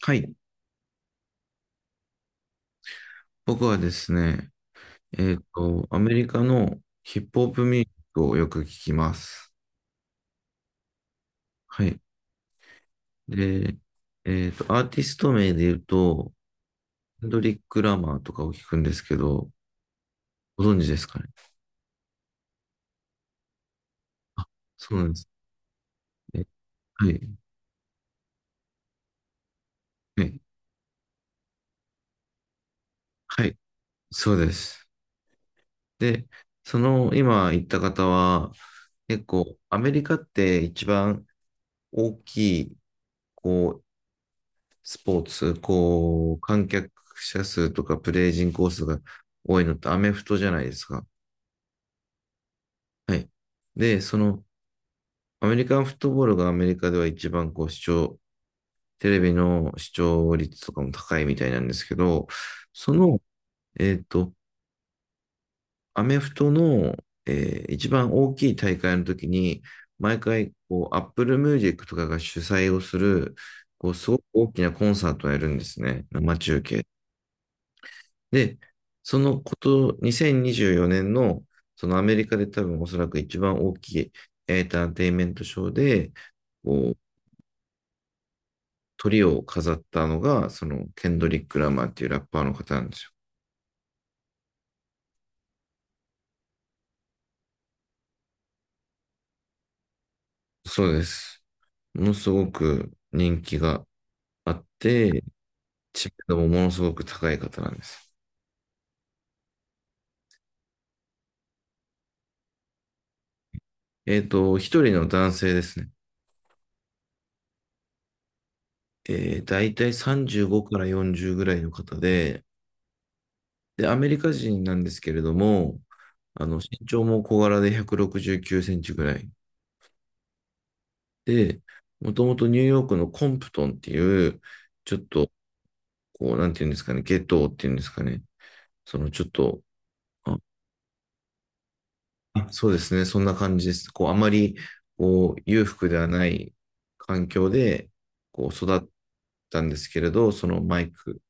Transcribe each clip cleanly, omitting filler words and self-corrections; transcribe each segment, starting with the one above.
はい。僕はですね、アメリカのヒップホップミュージックをよく聞きます。はい。で、アーティスト名で言うと、ヘンドリック・ラマーとかを聞くんですけど、ご存知ですかね。あ、そうなんですね。はい。ははい。そうです。で、その今言った方は、結構、アメリカって一番大きい、こう、スポーツ、観客者数とかプレイ人口数が多いのってアメフトじゃないですか。はい。で、その、アメリカンフットボールがアメリカでは一番視聴、テレビの視聴率とかも高いみたいなんですけど、その、えっと、アメフトの、一番大きい大会の時に、毎回、こう、Apple Music とかが主催をする、こう、すごく大きなコンサートをやるんですね。生中継で、そのこと、2024年の、そのアメリカで多分おそらく一番大きいエンターテインメントショーで、こう、鳥を飾ったのが、その、ケンドリック・ラマーっていうラッパーの方なんですよ。そうです。ものすごく人気があって、知名度もものすごく高い方なんです。一人の男性ですね。だいたい35から40ぐらいの方で、で、アメリカ人なんですけれども、あの、身長も小柄で169センチぐらい。で、もともとニューヨークのコンプトンっていう、ちょっと、こう、なんていうんですかね、ゲットーっていうんですかね、そのちょっと、あ、あ、そうですね、そんな感じです。こう、あまり、こう、裕福ではない環境で、こう、育ったんですけれど、そのマイク、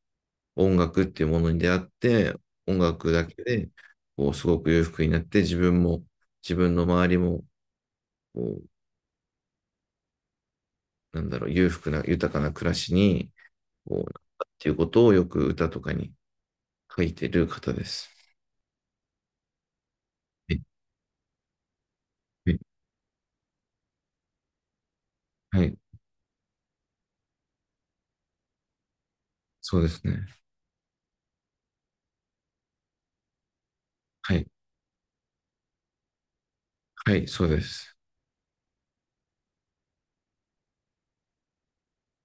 音楽っていうものに出会って、音楽だけで、こう、すごく裕福になって、自分も、自分の周りも、こう、なんだろう、裕福な、豊かな暮らしに、こう、なったっていうことをよく歌とかに書いてる方です。はい、はい、はい。そうですね。はい、はい、そうです。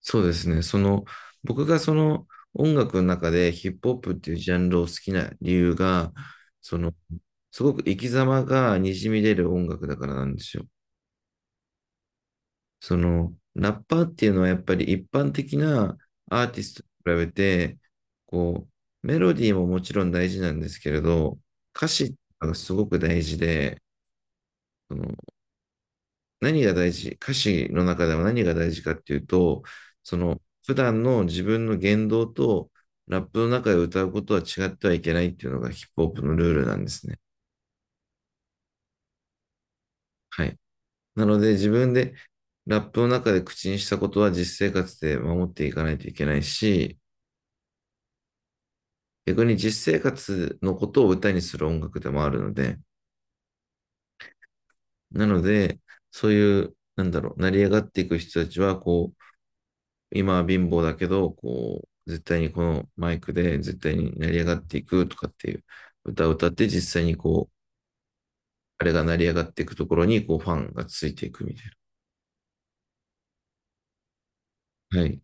そうですね。その、僕がその音楽の中でヒップホップっていうジャンルを好きな理由が、その、すごく生き様がにじみ出る音楽だからなんですよ。その、ラッパーっていうのはやっぱり一般的なアーティストと比べて、こう、メロディーももちろん大事なんですけれど、歌詞がすごく大事で、その何が大事、歌詞の中では何が大事かっていうと、その、普段の自分の言動とラップの中で歌うことは違ってはいけないっていうのがヒップホップのルールなんですね。はい。なので自分でラップの中で口にしたことは実生活で守っていかないといけないし、逆に実生活のことを歌にする音楽でもあるので、なので、そういう、なんだろう、成り上がっていく人たちは、こう、今は貧乏だけど、こう、絶対にこのマイクで絶対に成り上がっていくとかっていう歌を歌って実際にこう、あれが成り上がっていくところにこうファンがついていくみたいな。はい。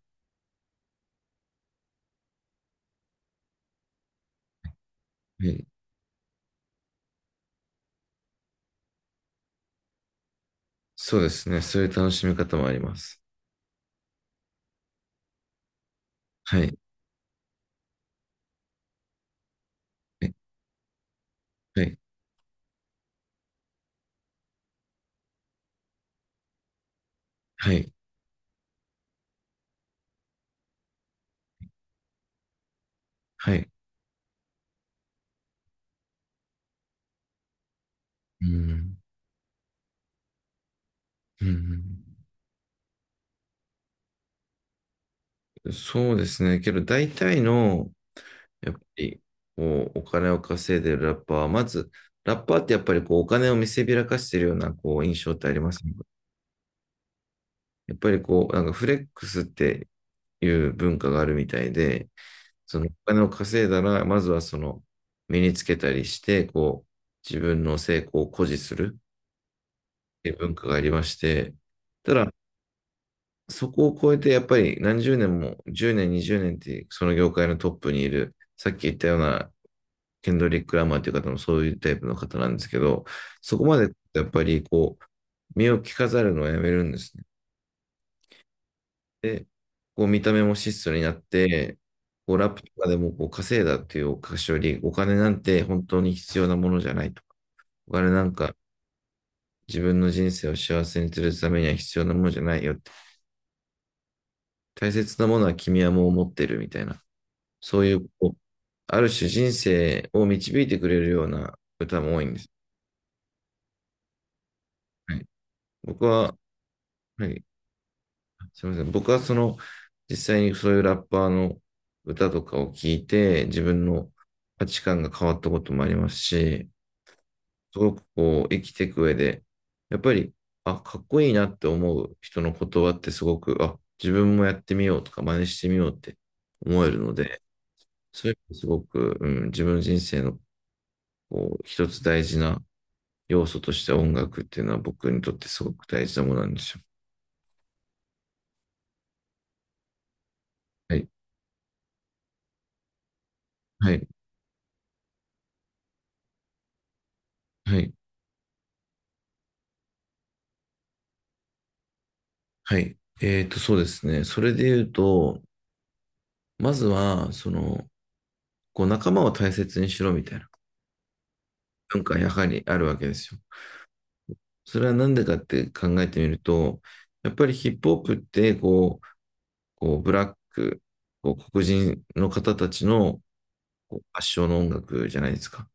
はい。そうですね。そういう楽しみ方もあります。はい。はい。はい。はい。はい。うん。うん。そうですね。けど大体の、やっぱり、もうお金を稼いでるラッパーは、まず、ラッパーってやっぱりこうお金を見せびらかしてるようなこう印象ってありますね。やっぱりこう、なんかフレックスっていう文化があるみたいで、そのお金を稼いだら、まずはその身につけたりして、こう、自分の成功を誇示するっていう文化がありまして、ただ、そこを超えてやっぱり何十年も、10年、20年ってその業界のトップにいる、さっき言ったようなケンドリック・ラマーという方もそういうタイプの方なんですけど、そこまでやっぱりこう、目を着飾るのをやめるんですね。で、こう見た目も質素になって、こうラップとかでもこう稼いだっていうお菓子より、お金なんて本当に必要なものじゃないとか、お金なんか自分の人生を幸せにするためには必要なものじゃないよって、大切なものは君はもう持ってるみたいな、そういう、こう、ある種人生を導いてくれるような歌も多いんです。はい、僕は、はい、すみません。僕はその、実際にそういうラッパーの歌とかを聞いて、自分の価値観が変わったこともありますし、すごくこう、生きていく上で、やっぱり、あ、かっこいいなって思う人の言葉ってすごく、あ、自分もやってみようとか、真似してみようって思えるので、そういう意味ですごく、うん、自分の人生のこう一つ大事な要素として音楽っていうのは僕にとってすごく大事なものなんですよ。はい。はい。はい。はい。そうですね。それで言うと、まずは、その、こう、仲間を大切にしろみたいな文化はやはりあるわけですよ。それはなんでかって考えてみると、やっぱりヒップホップって、こうブラック、こう黒人の方たちのこう発祥の音楽じゃないですか。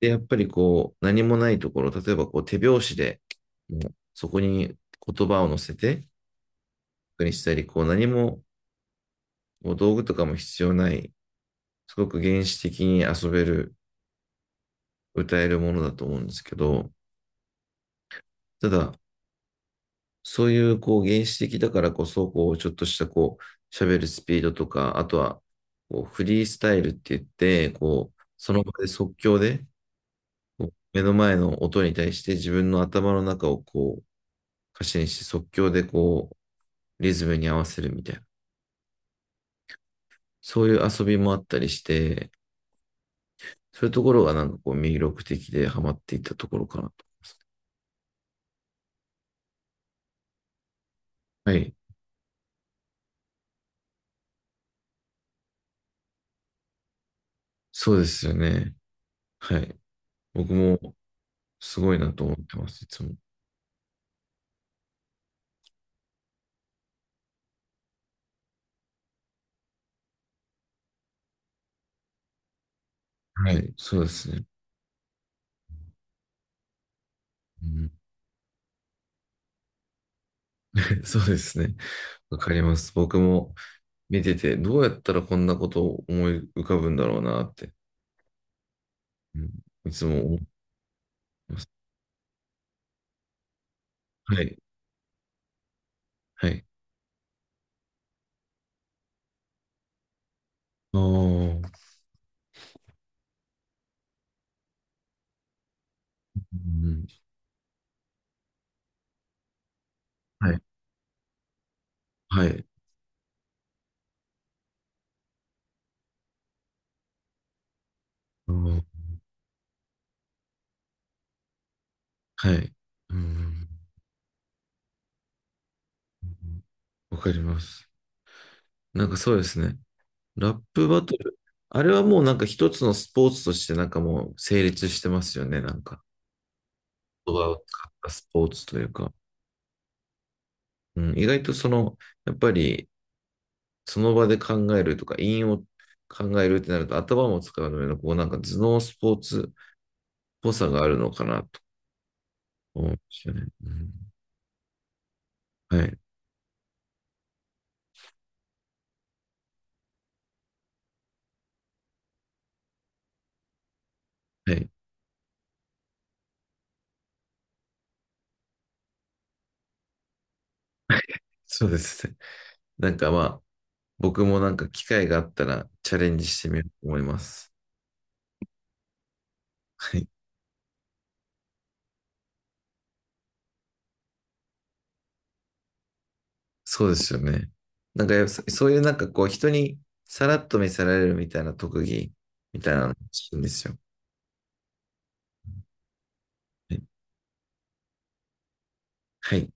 で、やっぱりこう、何もないところ、例えばこう手拍子で、もうそこに言葉を乗せて、にしたり、こう、何も、こう道具とかも必要ない、すごく原始的に遊べる、歌えるものだと思うんですけど、ただ、そういうこう原始的だからこそ、こうちょっとしたこう喋るスピードとか、あとはこうフリースタイルって言って、こうその場で即興で目の前の音に対して自分の頭の中をこう歌詞にして即興でこうリズムに合わせるみたいな、そういう遊びもあったりして、そういうところがなんかこう魅力的でハマっていったところかなと思います。はい、そうですよね。はい。僕もすごいなと思ってます、いつも。はい、そうですね。うん、そうですね。わかります。僕も見てて、どうやったらこんなことを思い浮かぶんだろうなって、うん、いつも思ってます。はい、はい。ああ、うん、はい、はい、あー、はい。うん、わかります。なんかそうですね。ラップバトル。あれはもうなんか一つのスポーツとしてなんかもう成立してますよね、なんか。ことが買ったスポーツというか、うん、意外とその、やっぱりその場で考えるとか、韻を考えるってなると頭も使うので、こうなんか頭脳スポーツっぽさがあるのかなと思いましたね。うん、はい。はい。そうですね。なんかまあ、僕もなんか機会があったらチャレンジしてみようと思います。はい。そうですよね。なんかやっぱそういうなんかこう人にさらっと見せられるみたいな特技みたいなのが欲しいんですよ。はい。はい